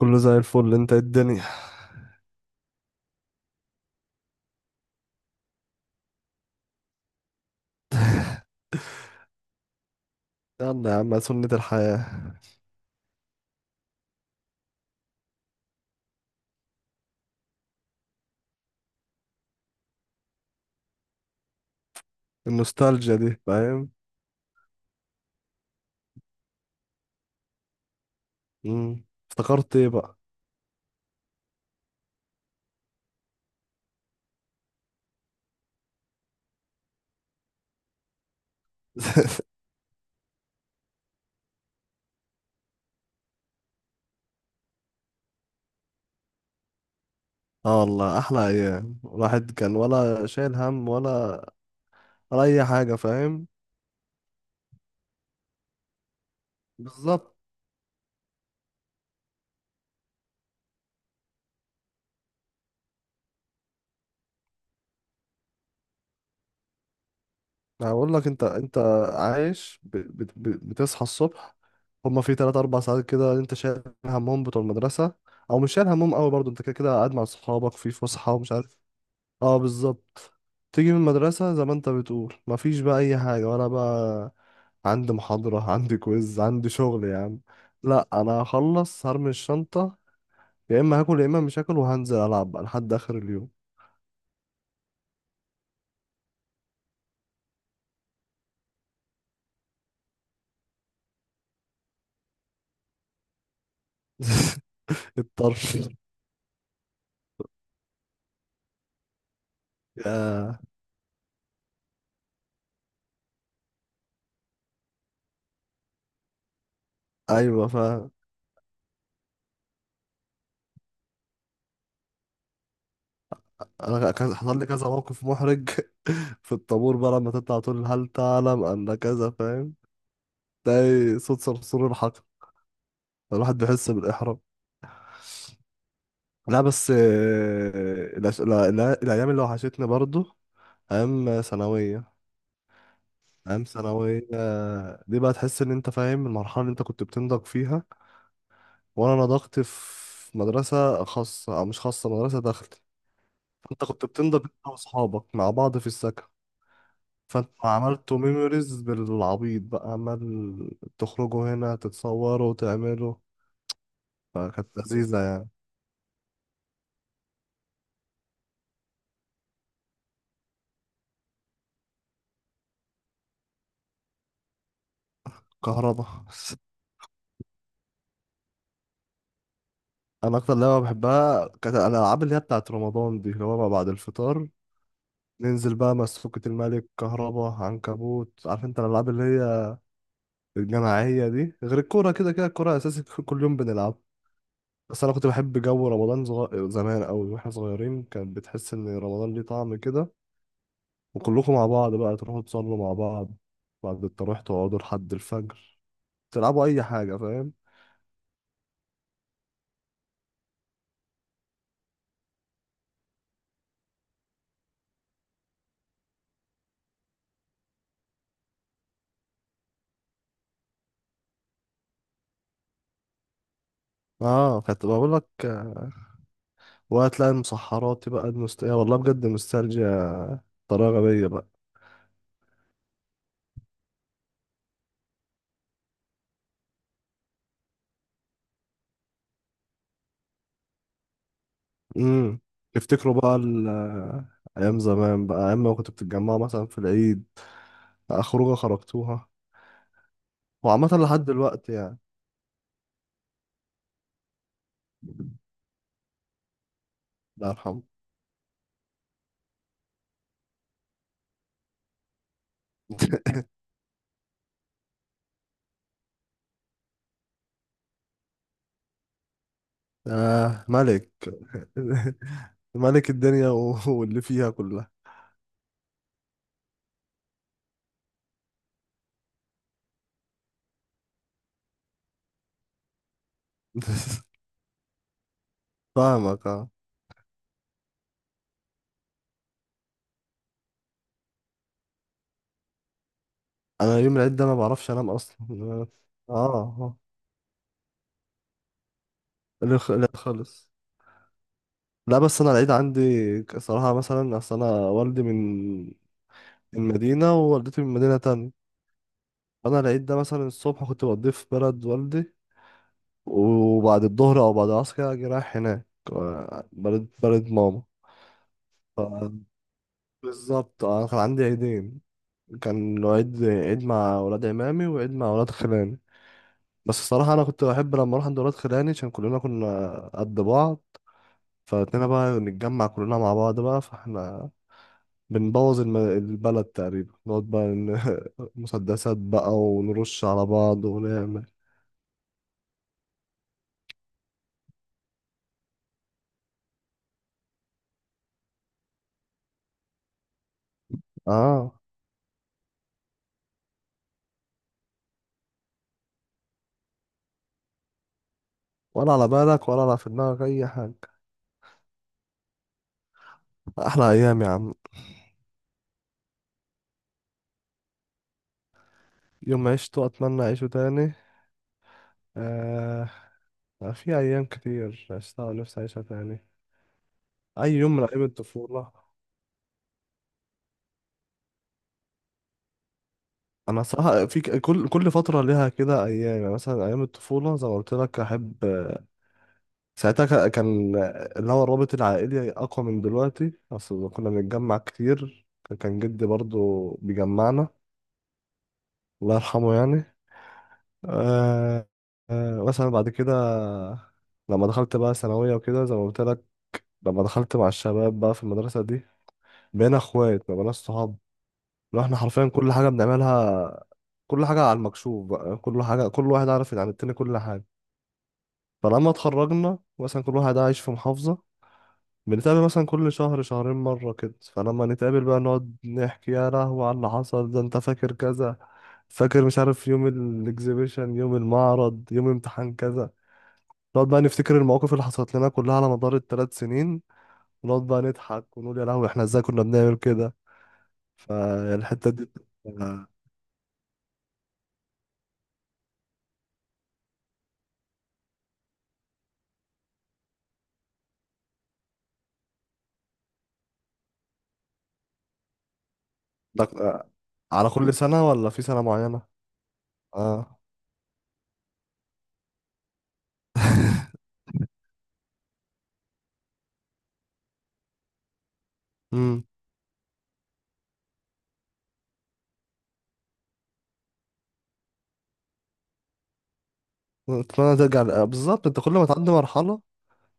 كله زي الفل، انت ايه الدنيا؟ يلا يا عم، سنة الحياة. النوستالجيا دي، فاهم. مم. افتكرت ايه بقى؟ اه والله، احلى ايام. الواحد كان ولا شايل هم ولا اي حاجة، فاهم. بالظبط. هقول لك انت. عايش بتصحى الصبح، هما في تلات أربع ساعات كده. انت شايل همهم بتوع المدرسة، او مش شايل همهم قوي برضه، انت كده كده قاعد مع اصحابك في فسحة ومش عارف. اه بالظبط. تيجي من المدرسة زي ما انت بتقول، مفيش بقى أي حاجة. وأنا بقى عندي محاضرة عندي كويز، عندي شغل يا عم. لأ أنا هخلص، هرمي الشنطة، يا إما هاكل يا إما مش هاكل، وهنزل ألعب بقى لحد آخر اليوم. الطرش. يا. أيوة. أنا حصل لي كذا موقف محرج. في الطابور بقى لما تطلع تقول هل تعلم أن كذا، فاهم. تلاقي صوت صرصور الحقل، الواحد بيحس بالإحراج. لا بس آه، لا لا، الأيام اللي وحشتني برضو، أيام ثانوية. أيام ثانوية دي بقى تحس إن أنت فاهم، المرحلة اللي أنت كنت بتنضج فيها. وأنا نضجت في مدرسة خاصة، أو مش خاصة، مدرسة داخلي. فأنت كنت بتنضج أنت وأصحابك مع بعض في السكن. فأنت عملتوا ميموريز بالعبيط، بقى عمال تخرجوا هنا تتصوروا وتعملوا. فكانت لذيذة يعني. كهربا. انا اكتر لعبه بحبها كانت الالعاب اللي هي بتاعت رمضان دي، اللي هو ما بعد الفطار، ننزل بقى مسفوكة، الملك، كهربا، عنكبوت، عارف انت الالعاب اللي هي الجماعيه دي، غير الكوره. كده كده الكوره اساسي، كل يوم بنلعب. بس انا كنت بحب جو رمضان زمان قوي. واحنا صغيرين كان بتحس ان رمضان ليه طعم كده. وكلكم مع بعض بقى تروحوا تصلوا مع بعض. بعد التراويح تقعدوا لحد الفجر، تلعبوا اي حاجه، فاهم. اه كنت بقول لك. وهتلاقي المسحرات بقى، يا والله بجد نوستالجيا. طريقه غبيه بقى. امم. تفتكروا بقى ايام زمان بقى، ايام ما كنتوا بتتجمعوا مثلا في العيد بقى، خروجه خرجتوها. وعامة لحد دلوقتي يعني. الله يرحمه. آه ملك. ملك الدنيا واللي فيها كلها. فاهمك اه. انا يوم العيد ده ما بعرفش انام اصلا. اه اه. لا خالص. لا بس انا العيد عندي، صراحة مثلا اصل انا والدي من مدينة ووالدتي من مدينة تانية. فانا العيد ده مثلا الصبح كنت بقضيه في بلد والدي، وبعد الظهر او بعد العصر كده اجي رايح هناك، آه، بلد، بلد ماما. ف- بالظبط انا كان عندي عيدين. كان عيد، عيد مع ولاد عمامي، وعيد مع ولاد خلاني. بس الصراحة أنا كنت بحب لما أروح عند ولاد خلاني، عشان كلنا كنا قد بعض. فاتنين بقى نتجمع كلنا مع بعض بقى. فاحنا بنبوظ البلد تقريبا، نقعد بقى مسدسات بقى ونرش على بعض ونعمل. اه، ولا على بالك ولا على في دماغك أي حاجة. أحلى أيام يا عم. يوم ما عشته أتمنى أعيشه تاني. آه. في أيام كتير عشتها ونفسي أعيشها تاني. أي يوم من أيام الطفولة. أنا صراحة في كل فترة ليها كده أيام. يعني مثلا أيام الطفولة زي ما قلت لك، أحب. ساعتها كان اللي هو الرابط العائلي أقوى من دلوقتي. أصل كنا بنتجمع كتير، كان جدي برضو بيجمعنا، الله يرحمه يعني. آه. آه مثلا بعد كده، لما دخلت بقى ثانوية وكده زي ما قلت لك، لما دخلت مع الشباب بقى في المدرسة دي، بقينا اخوات، ما بقيناش صحاب. لو احنا حرفيا كل حاجه بنعملها، كل حاجه على المكشوف بقى، كل حاجه كل واحد عارف عن التاني، كل حاجه. فلما اتخرجنا مثلا، كل واحد عايش في محافظه، بنتقابل مثلا كل شهر شهرين مره كده. فلما نتقابل بقى نقعد نحكي، يا لهوي على اللي حصل ده، انت فاكر كذا، فاكر مش عارف يوم الاكزيبيشن، يوم المعرض، يوم امتحان كذا. نقعد بقى نفتكر المواقف اللي حصلت لنا كلها على مدار الثلاث سنين. ونقعد بقى نضحك ونقول يا لهوي، احنا ازاي كنا بنعمل كده. فالحته دي. ده آه، على كل سنة ولا في سنة معينة؟ اه. امم. اتمنى ترجع آه، بالظبط، انت كل ما تعدي مرحلة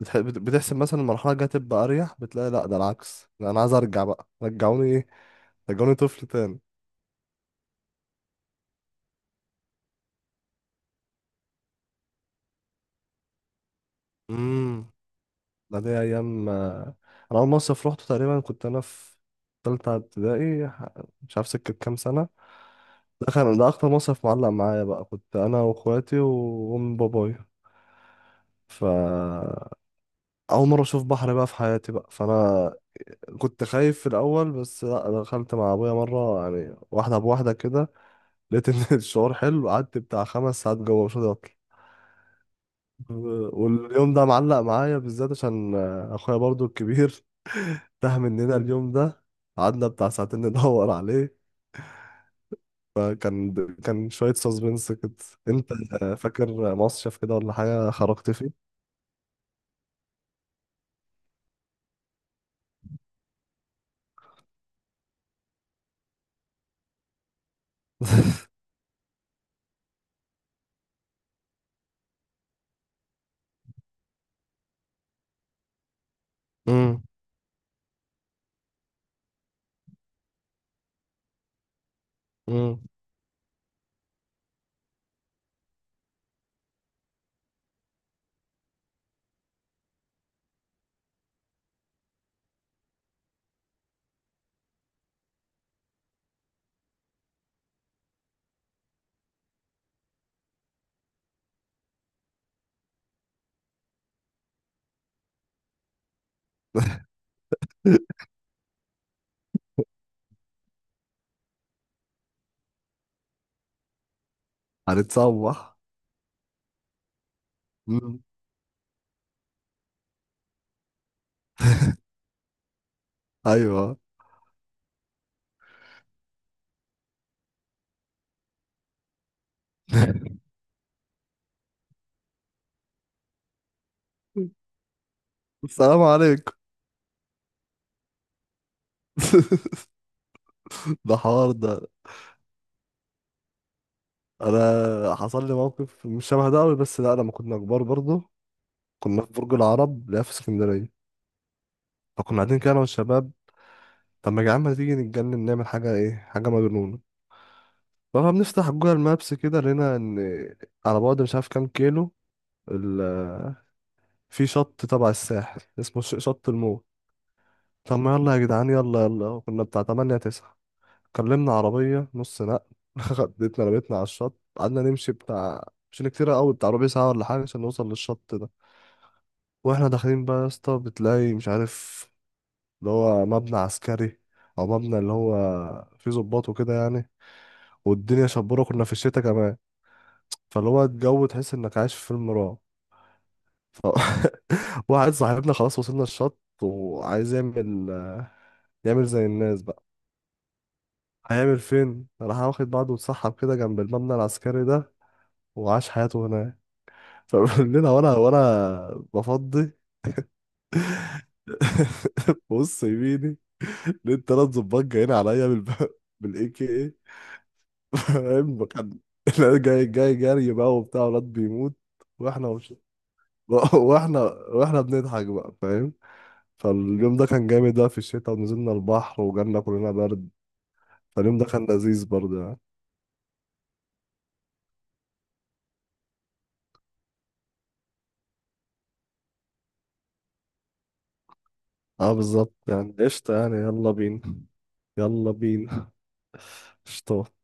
بتحسب مثلا المرحلة الجاية تبقى أريح، بتلاقي لا ده العكس. لا أنا عايز أرجع بقى، رجعوني إيه؟ رجعوني طفل تاني. امم. ده دي أيام آه، أنا أول مصيف روحته تقريبا كنت أنا في تالتة ابتدائي، مش عارف سكة كام سنة. ده كان ده أكتر مصيف معلق معايا بقى. كنت أنا وأخواتي وأم بابايا. ف أول مرة أشوف بحر بقى في حياتي بقى، فأنا كنت خايف في الاول. بس لا دخلت مع ابويا مره، يعني واحده بواحده كده، لقيت ان الشعور حلو. قعدت بتاع خمس ساعات جوه مش راضي اطلع. واليوم ده معلق معايا بالذات عشان اخويا برضو الكبير تاه مننا اليوم ده، قعدنا بتاع ساعتين ندور عليه. فكان كان شويه سسبنس كده. انت فاكر مصيف كده ولا حاجه خرجت فيه؟ امم. امم. هنتصوح. امم. ايوه. السلام عليكم. ده حوار ده. انا حصل لي موقف مش شبه ده قوي، بس لا لما كنا كبار برضه. كنا في برج العرب، لا في اسكندريه. فكنا قاعدين كده انا والشباب، طب ما يا جدعان، ما تيجي نتجنن نعمل حاجه، ايه، حاجه مجنونه. فبنفتح جوجل مابس كده، لقينا ان على بعد مش عارف كام كيلو ال... في شط تبع الساحل اسمه شط الموت. طب ما يلا يا جدعان، يلا يلا، كنا بتاع 8 9، كلمنا عربيه نص نقل. خدتنا، رميتنا على الشط، قعدنا نمشي بتاع مش كتير قوي، بتاع ربع ساعه ولا حاجه، عشان نوصل للشط ده. واحنا داخلين بقى يا اسطى، بتلاقي مش عارف، اللي هو مبنى عسكري، او مبنى اللي هو فيه ضباط وكده يعني. والدنيا شبورة، كنا في الشتاء كمان. فاللي هو الجو تحس انك عايش في فيلم رعب. ف... واحد صاحبنا خلاص وصلنا الشط وعايز يعمل، يعمل زي الناس بقى. هيعمل فين، راح واخد بعضه واتسحب كده جنب المبنى العسكري ده، وعاش حياته هناك. فبالليل، وانا بفضي بص يميني، لقيت تلات ظباط جايين عليا بالاي كي اي، فاهم كان. لا، جاي جاي جري بقى وبتاع، ولاد بيموت. واحنا مش... واحنا واحنا بنضحك بقى فاهم. فاليوم ده كان جامد بقى، في الشتاء ونزلنا البحر وجالنا كلنا برد. فاليوم ده كان لذيذ برضه يعني. اه بالظبط يعني، قشطة يعني، يلا بينا. يلا بينا. قشطة.